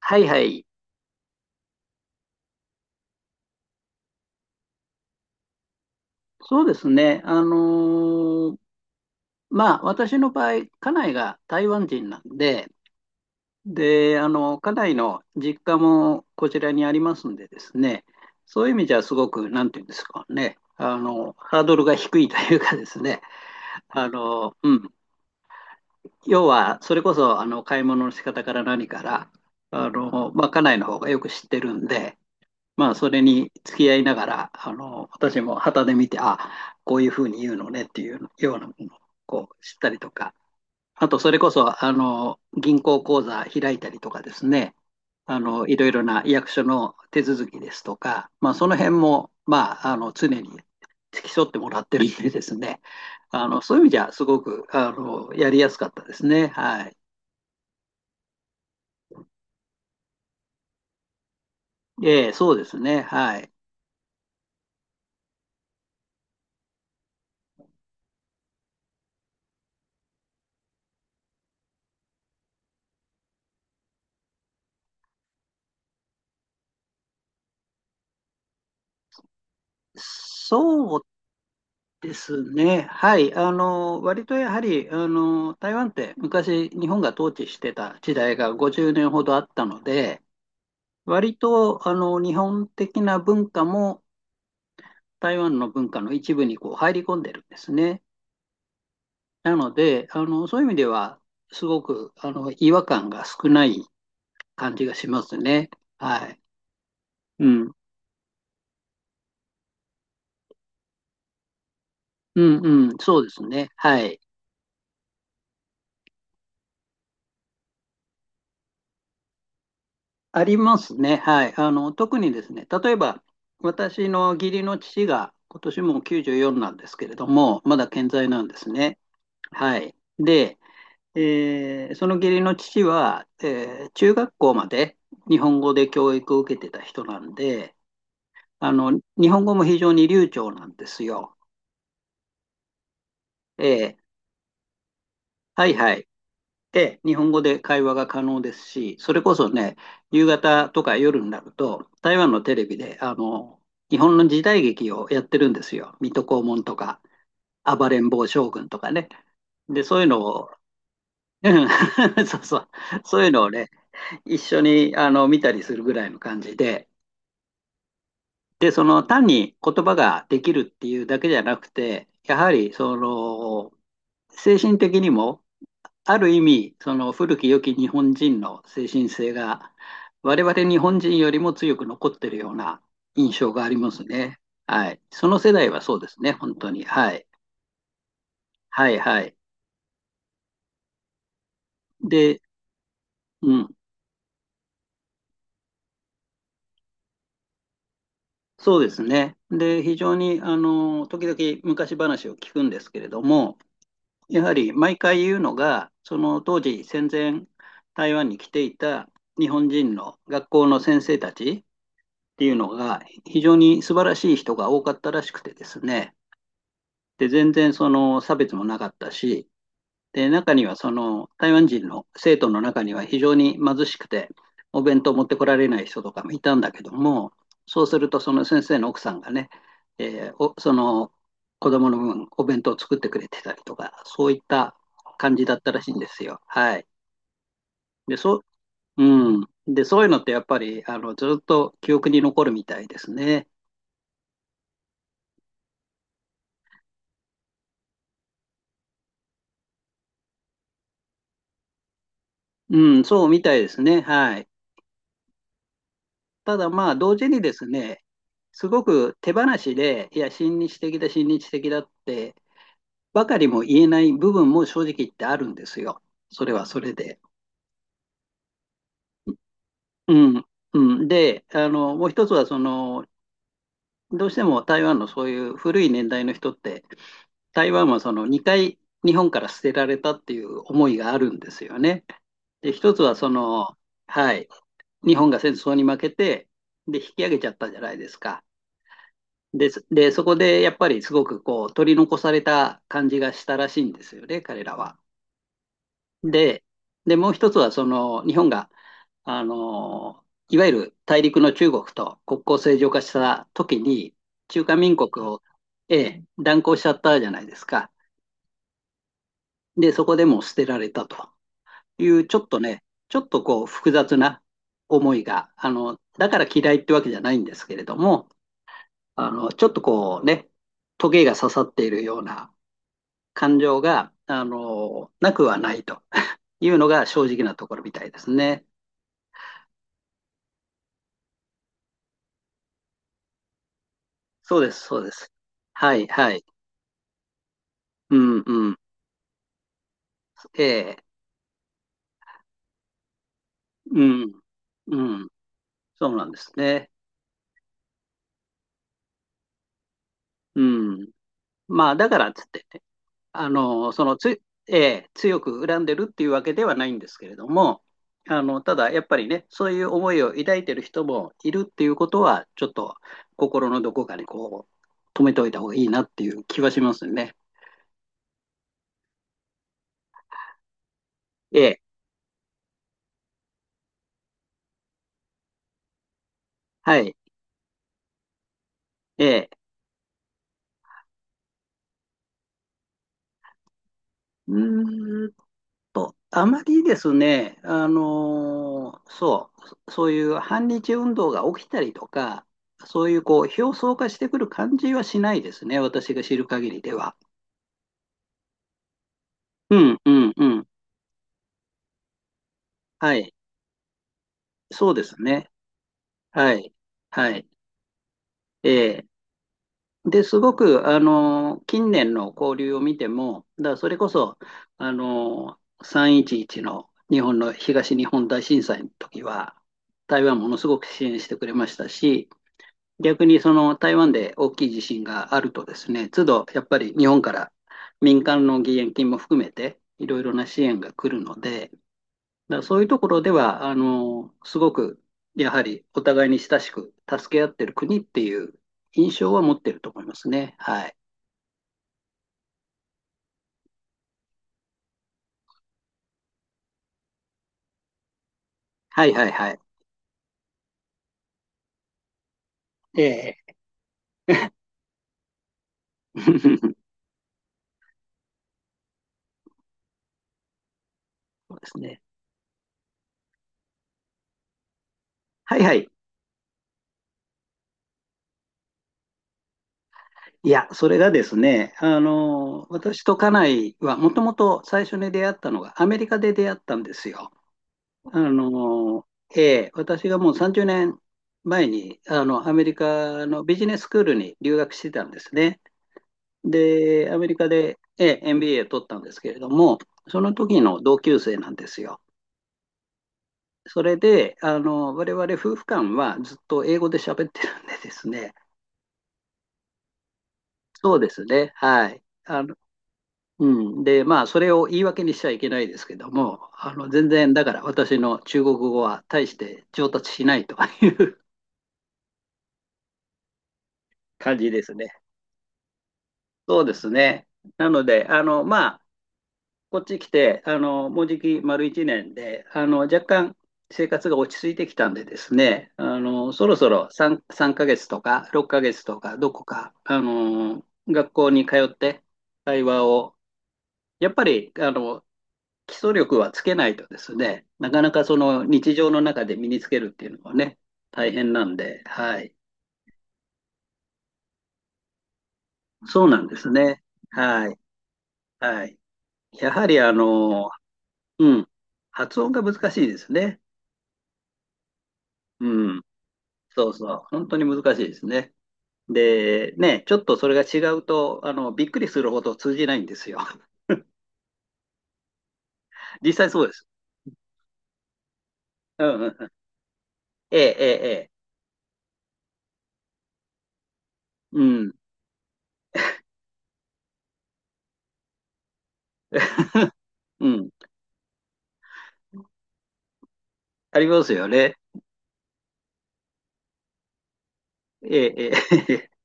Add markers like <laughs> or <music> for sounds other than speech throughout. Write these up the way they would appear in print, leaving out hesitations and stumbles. はいはい。そうですね。まあ、私の場合、家内が台湾人なんで、で、家内の実家もこちらにありますんでですね、そういう意味じゃすごく、なんていうんですかね、ハードルが低いというかですね、あの、うん。要は、それこそ、買い物の仕方から何から、まあ、家内の方がよく知ってるんで、まあ、それに付き合いながら、私も旗で見て、あ、こういうふうに言うのねっていうようなものをこう知ったりとか、あと、それこそ、銀行口座開いたりとかですね、いろいろな役所の手続きですとか、まあ、その辺も、まあ、常に付き添ってもらってるんでですね、そういう意味じゃ、すごく、やりやすかったですね。はい。ええ、そうですね。はい。そうですね。はい。割とやはり、台湾って昔日本が統治してた時代が50年ほどあったので、割と、日本的な文化も台湾の文化の一部にこう入り込んでるんですね。なので、そういう意味では、すごく、違和感が少ない感じがしますね。はい。うん。うんうん。そうですね。はい。ありますね。はい。特にですね、例えば、私の義理の父が、今年もう94なんですけれども、まだ健在なんですね。はい。で、その義理の父は、中学校まで日本語で教育を受けてた人なんで、あの、日本語も非常に流暢なんですよ。えーはいはい。で、日本語で会話が可能ですし、それこそね、夕方とか夜になると、台湾のテレビで、日本の時代劇をやってるんですよ。水戸黄門とか、暴れん坊将軍とかね。で、そういうのを、うん。 <laughs> そうそう、そういうのをね、一緒にあの見たりするぐらいの感じで、で、その単に言葉ができるっていうだけじゃなくて、やはりその精神的にもある意味、その古き良き日本人の精神性が、我々日本人よりも強く残ってるような印象がありますね。はい。その世代はそうですね、本当に。はい。はい、はい。で、うん。そうですね。で、非常に、時々昔話を聞くんですけれども、やはり毎回言うのが、その当時戦前台湾に来ていた日本人の学校の先生たち、っていうのが非常に素晴らしい人が多かったらしくてですね。で、全然その差別もなかったし、で、中にはその台湾人の生徒の中には非常に貧しくて、お弁当持ってこられない人とかもいたんだけども、そうするとその先生の奥さんがね、えーおその子供の分お弁当を作ってくれてたりとか、そういった感じだったらしいんですよ。はい。で、そう、うん。で、そういうのってやっぱりあのずっと記憶に残るみたいですね。うん、そうみたいですね。はい。ただまあ、同時にですね、すごく手放しで、いや、親日的だ、親日的だって、ばかりも言えない部分も正直言ってあるんですよ。それはそれで。うん。うん、で、もう一つは、その、どうしても台湾のそういう古い年代の人って、台湾はその2回日本から捨てられたっていう思いがあるんですよね。で、一つはその、はい、日本が戦争に負けて、で、引き上げちゃったじゃないですか。です。で、そこでやっぱりすごくこう取り残された感じがしたらしいんですよね、彼らは。で、で、もう一つはその日本が、あの、いわゆる大陸の中国と国交正常化した時に、中華民国を、ええ、断交しちゃったじゃないですか。で、そこでもう捨てられたという、ちょっとね、ちょっとこう複雑な思いが、だから嫌いってわけじゃないんですけれども、ちょっとこうね、トゲが刺さっているような感情が、なくはないというのが正直なところみたいですね。そうです、そうです。はい、はい。うん、うん。ええ、うん、うん。そうなんですね。うん。まあ、だからっつってね、あの、そのつ、ええ、強く恨んでるっていうわけではないんですけれども、ただ、やっぱりね、そういう思いを抱いてる人もいるっていうことは、ちょっと心のどこかにこう、止めておいた方がいいなっていう気はしますね。ええ、はい。ええ、うーんあまりですね、そういう反日運動が起きたりとか、そういうこう表層化してくる感じはしないですね、私が知る限りでは。うんうんうん。はい、そうですね。はい、はい。ええで、すごく、近年の交流を見ても、だからそれこそ、311の日本の東日本大震災の時は、台湾ものすごく支援してくれましたし、逆にその台湾で大きい地震があるとですね、都度やっぱり日本から民間の義援金も含めて、いろいろな支援が来るので、だからそういうところでは、すごく、やはりお互いに親しく助け合ってる国っていう印象は持ってると思いますね。はい。はいはいはい。ええ。<laughs> そうですね。はいはい。いや、それがですね、私と家内はもともと最初に出会ったのがアメリカで出会ったんですよ。あの、ええ、私がもう30年前に、アメリカのビジネススクールに留学してたんですね。で、アメリカで、MBA 取ったんですけれども、その時の同級生なんですよ。それで、我々夫婦間はずっと英語で喋ってるんでですね、そうですね、はい。うで、まあ、それを言い訳にしちゃいけないですけども、全然、だから私の中国語は大して上達しないという <laughs> 感じですね。そうですね。なので、ま、こっち来て、もうじき丸一年で、若干生活が落ち着いてきたんでですね、そろそろ 3ヶ月とか6ヶ月とか、どこか、学校に通って会話を、やっぱり、基礎力はつけないとですね、なかなかその日常の中で身につけるっていうのはね、大変なんで、はい。そうなんですね。はい。はい。やはり、うん、発音が難しいですね。うん。そうそう、本当に難しいですね。で、ね、ちょっとそれが違うと、びっくりするほど通じないんですよ。<laughs> 実際そうです。うんうんうん。ええ、ええ、ええ。うん、<laughs> うん。ありますよね。ええ、ええ、<laughs>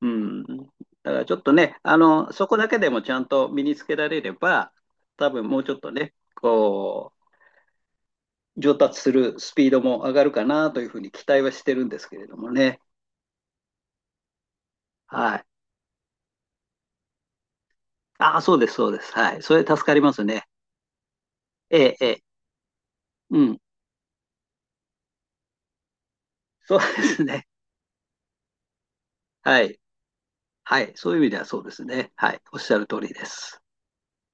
うん。だからちょっとね、そこだけでもちゃんと身につけられれば、多分もうちょっとね、こう、上達するスピードも上がるかなというふうに期待はしてるんですけれどもね。はい。ああ、そうです、そうです。はい。それ助かりますね。ええ、ええ。うん。そうですね。はい。はい。そういう意味ではそうですね。はい。おっしゃる通りです。